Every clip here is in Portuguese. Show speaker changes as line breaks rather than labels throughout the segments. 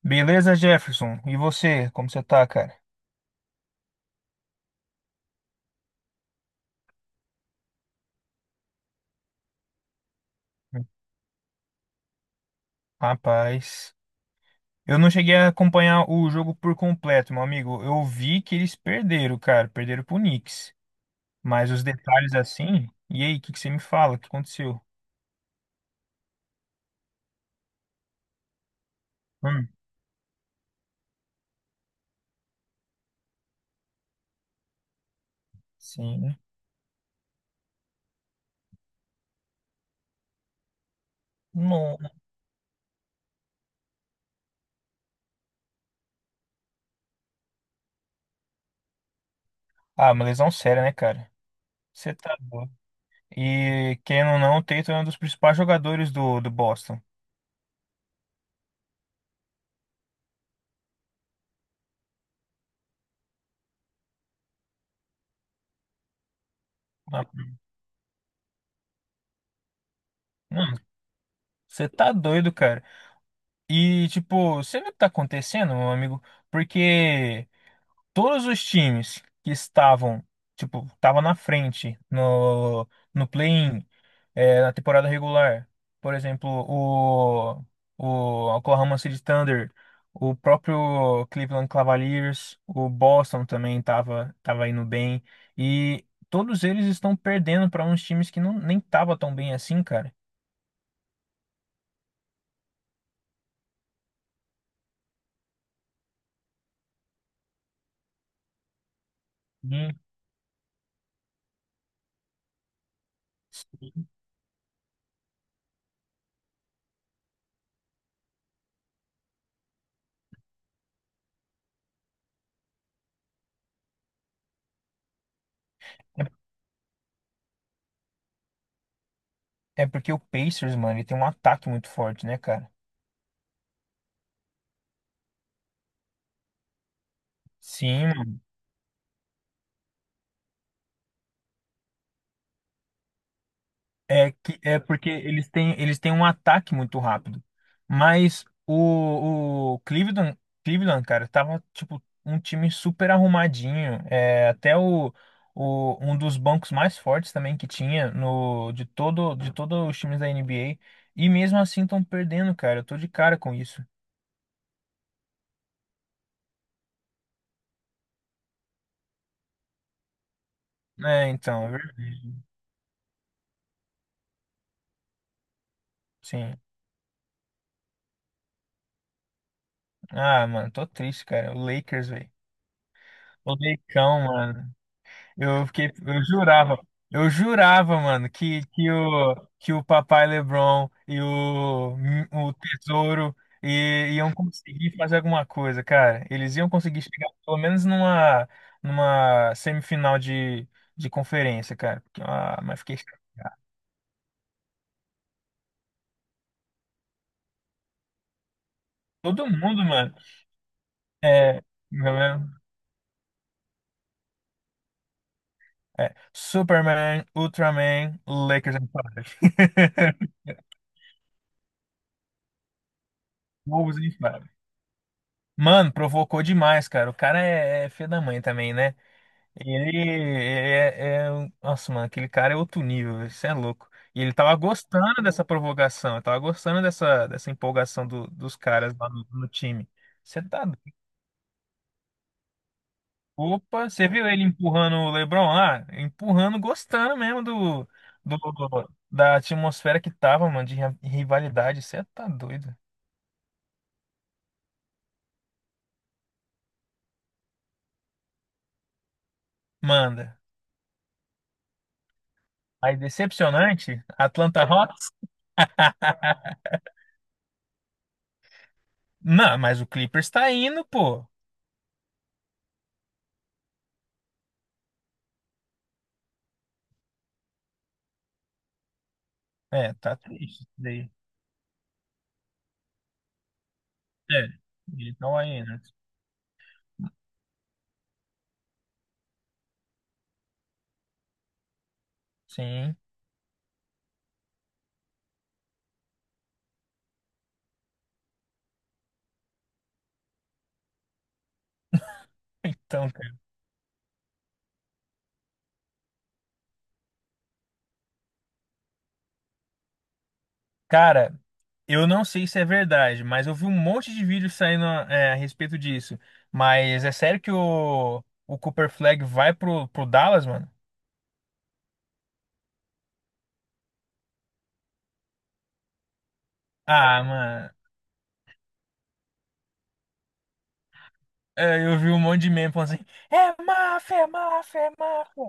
Beleza, Jefferson? E você, como você tá, cara? Rapaz, eu não cheguei a acompanhar o jogo por completo, meu amigo. Eu vi que eles perderam, cara, perderam pro Knicks. Mas os detalhes assim, e aí, o que que você me fala? O que aconteceu? Hum, sim. Não. Ah, uma lesão séria, né, cara? Você tá doido. E querendo ou não, o Tatum é um dos principais jogadores do Boston. Ah, não, você tá doido, cara. E, tipo, você vê o que tá acontecendo, meu amigo? Porque todos os times que estavam, tipo, estavam na frente no play-in, é, na temporada regular, por exemplo, o Oklahoma City Thunder, o próprio Cleveland Cavaliers, o Boston também estava tava indo bem, e todos eles estão perdendo para uns times que não, nem tava tão bem assim, cara. Hum. É é porque o Pacers, mano, ele tem um ataque muito forte, né, cara? Sim, é que é porque eles têm um ataque muito rápido. Mas o Cleveland, Cleveland, cara, tava tipo um time super arrumadinho. É, até o um dos bancos mais fortes também que tinha no de todo de todos os times da NBA. E mesmo assim estão perdendo, cara. Eu tô de cara com isso. É, então, é verdade. Sim. Ah, mano, tô triste, cara. O Lakers, velho. O Leicão, mano. Eu fiquei, eu jurava, mano, que, que o Papai LeBron e o Tesouro iam conseguir fazer alguma coisa, cara. Eles iam conseguir chegar pelo menos numa, numa semifinal de conferência, cara. Porque, ah, mas fiquei chateado. Todo mundo, mano. É, não é? É, Superman, Ultraman, Lakers em Fire. Wolves em Fire. Mano, provocou demais, cara. O cara é, é filho da mãe também, né? Ele é, Nossa, mano, aquele cara é outro nível, velho. Isso é louco. E ele tava gostando dessa provocação, ele tava gostando dessa, dessa empolgação dos caras lá no, no time. Você tá doido. Opa, você viu ele empurrando o LeBron lá? Empurrando, gostando mesmo da atmosfera que tava, mano, de rivalidade. Você tá doido. Manda. Aí, decepcionante, Atlanta Hawks. Não, mas o Clippers tá indo, pô. É, tá triste isso daí. É, ele tá indo. Sim. Então, cara, cara, eu não sei se é verdade, mas eu vi um monte de vídeos saindo é, a respeito disso. Mas é sério que o Cooper Flag vai pro, pro Dallas, mano? Ah, mano, é, eu vi um monte de meme falando assim: é máfia, é máfia, é máfia.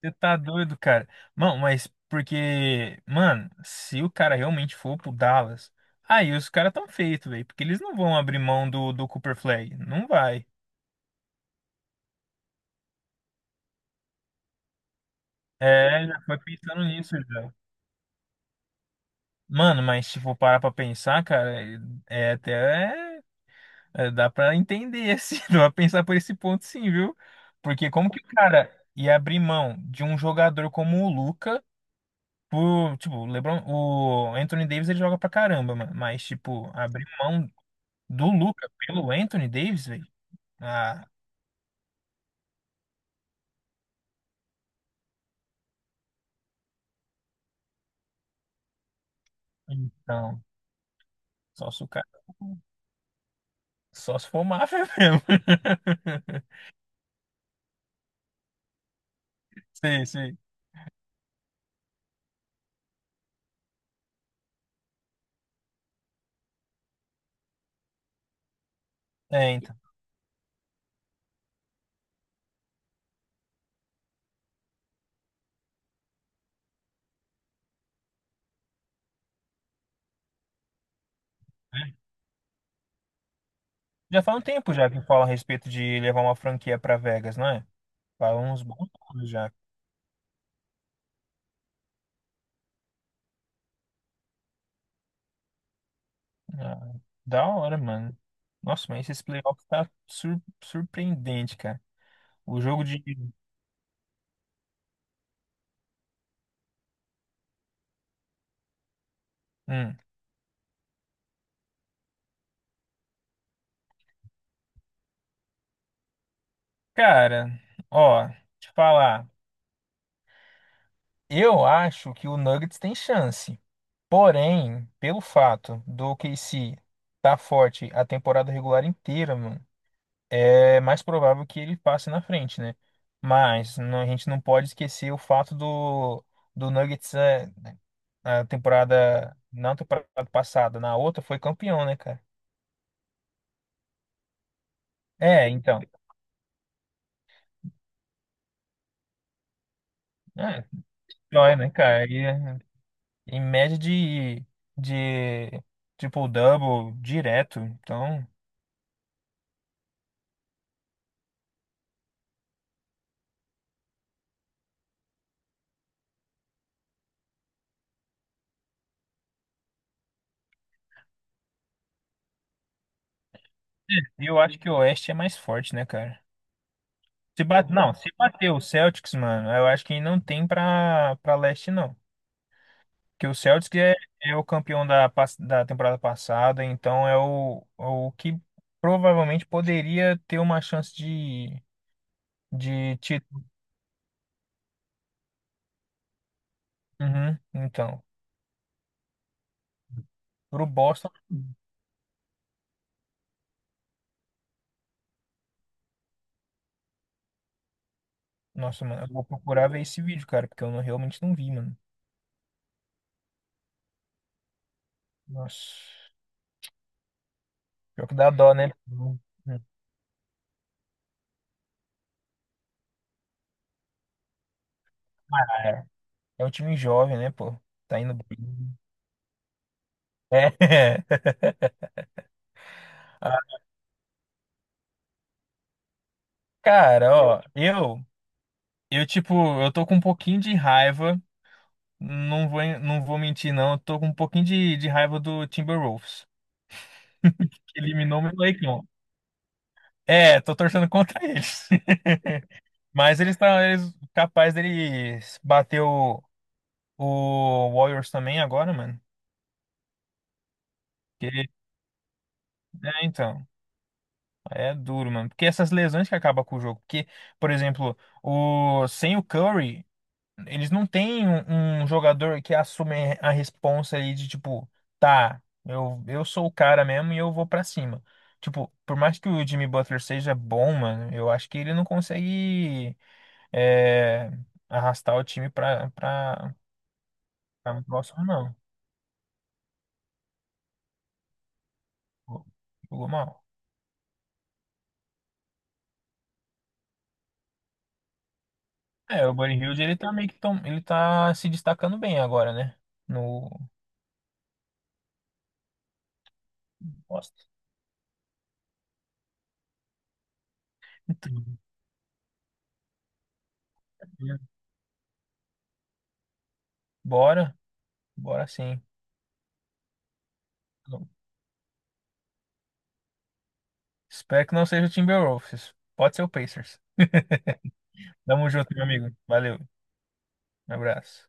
Você tá doido, cara. Mano, mas porque, mano, se o cara realmente for pro Dallas, aí os caras tão feitos, velho. Porque eles não vão abrir mão do Cooper Flag. Não vai. É, já foi pensando nisso já. Mano, mas se for parar pra pensar, cara, é é até. É, dá pra entender, assim. Dá pra pensar por esse ponto, sim, viu? Porque como que o cara ia abrir mão de um jogador como o Luca. Por, tipo, o LeBron, o Anthony Davis ele joga pra caramba, mano. Mas, tipo, abrir mão do Luca pelo Anthony Davis, velho? Ah, então. Só se o cara. Só se for máfia mesmo. Sei, sei. É, então. Já faz um tempo já que fala a respeito de levar uma franquia pra Vegas, não é? Faz uns bons anos já. Ah, da hora, mano. Nossa, mas esse playoff tá surpreendente, cara. O jogo de. Hum. Cara, ó, te falar. Eu acho que o Nuggets tem chance. Porém, pelo fato do OKC tá forte a temporada regular inteira, mano, é mais provável que ele passe na frente, né? Mas não, a gente não pode esquecer o fato do, do Nuggets é, na temporada passada, na outra foi campeão, né, cara? É, então. É, dói, né, cara? E, é, em média de triple-double direto. Então, eu acho que o Oeste é mais forte, né, cara? Se bate, não, se bater o Celtics, mano, eu acho que não tem pra, pra leste, não. Porque o Celtics é, é o campeão da, da temporada passada, então é o que provavelmente poderia ter uma chance de título. Uhum, então, pro Boston, nossa, mano, eu vou procurar ver esse vídeo, cara, porque eu realmente não vi, mano. Nossa, pior que dá dó, né? Uhum. Ah, é, é um time jovem, né, pô? Tá indo bem. É. Ah, cara, ó, eu, tipo, eu tô com um pouquinho de raiva, não vou mentir, não. Eu tô com um pouquinho de raiva do Timberwolves, que eliminou meu Lakers. É, tô torcendo contra eles. Mas capaz deles bater o Warriors também agora, mano. Porque, é, então, é duro, mano. Porque essas lesões que acabam com o jogo. Porque, por exemplo, o, sem o Curry, eles não têm um, um jogador que assume a responsa ali de tipo, tá, eu sou o cara mesmo e eu vou pra cima. Tipo, por mais que o Jimmy Butler seja bom, mano, eu acho que ele não consegue é, arrastar o time pra, pra, pra muito próximo, não. Jogou jogou mal. É, o Buddy Hield ele tá meio que tom, ele tá se destacando bem agora, né? No Boston. Então, bora, bora sim. Espero que não seja o Timberwolves. Pode ser o Pacers. Tamo junto, meu amigo. Valeu. Um abraço.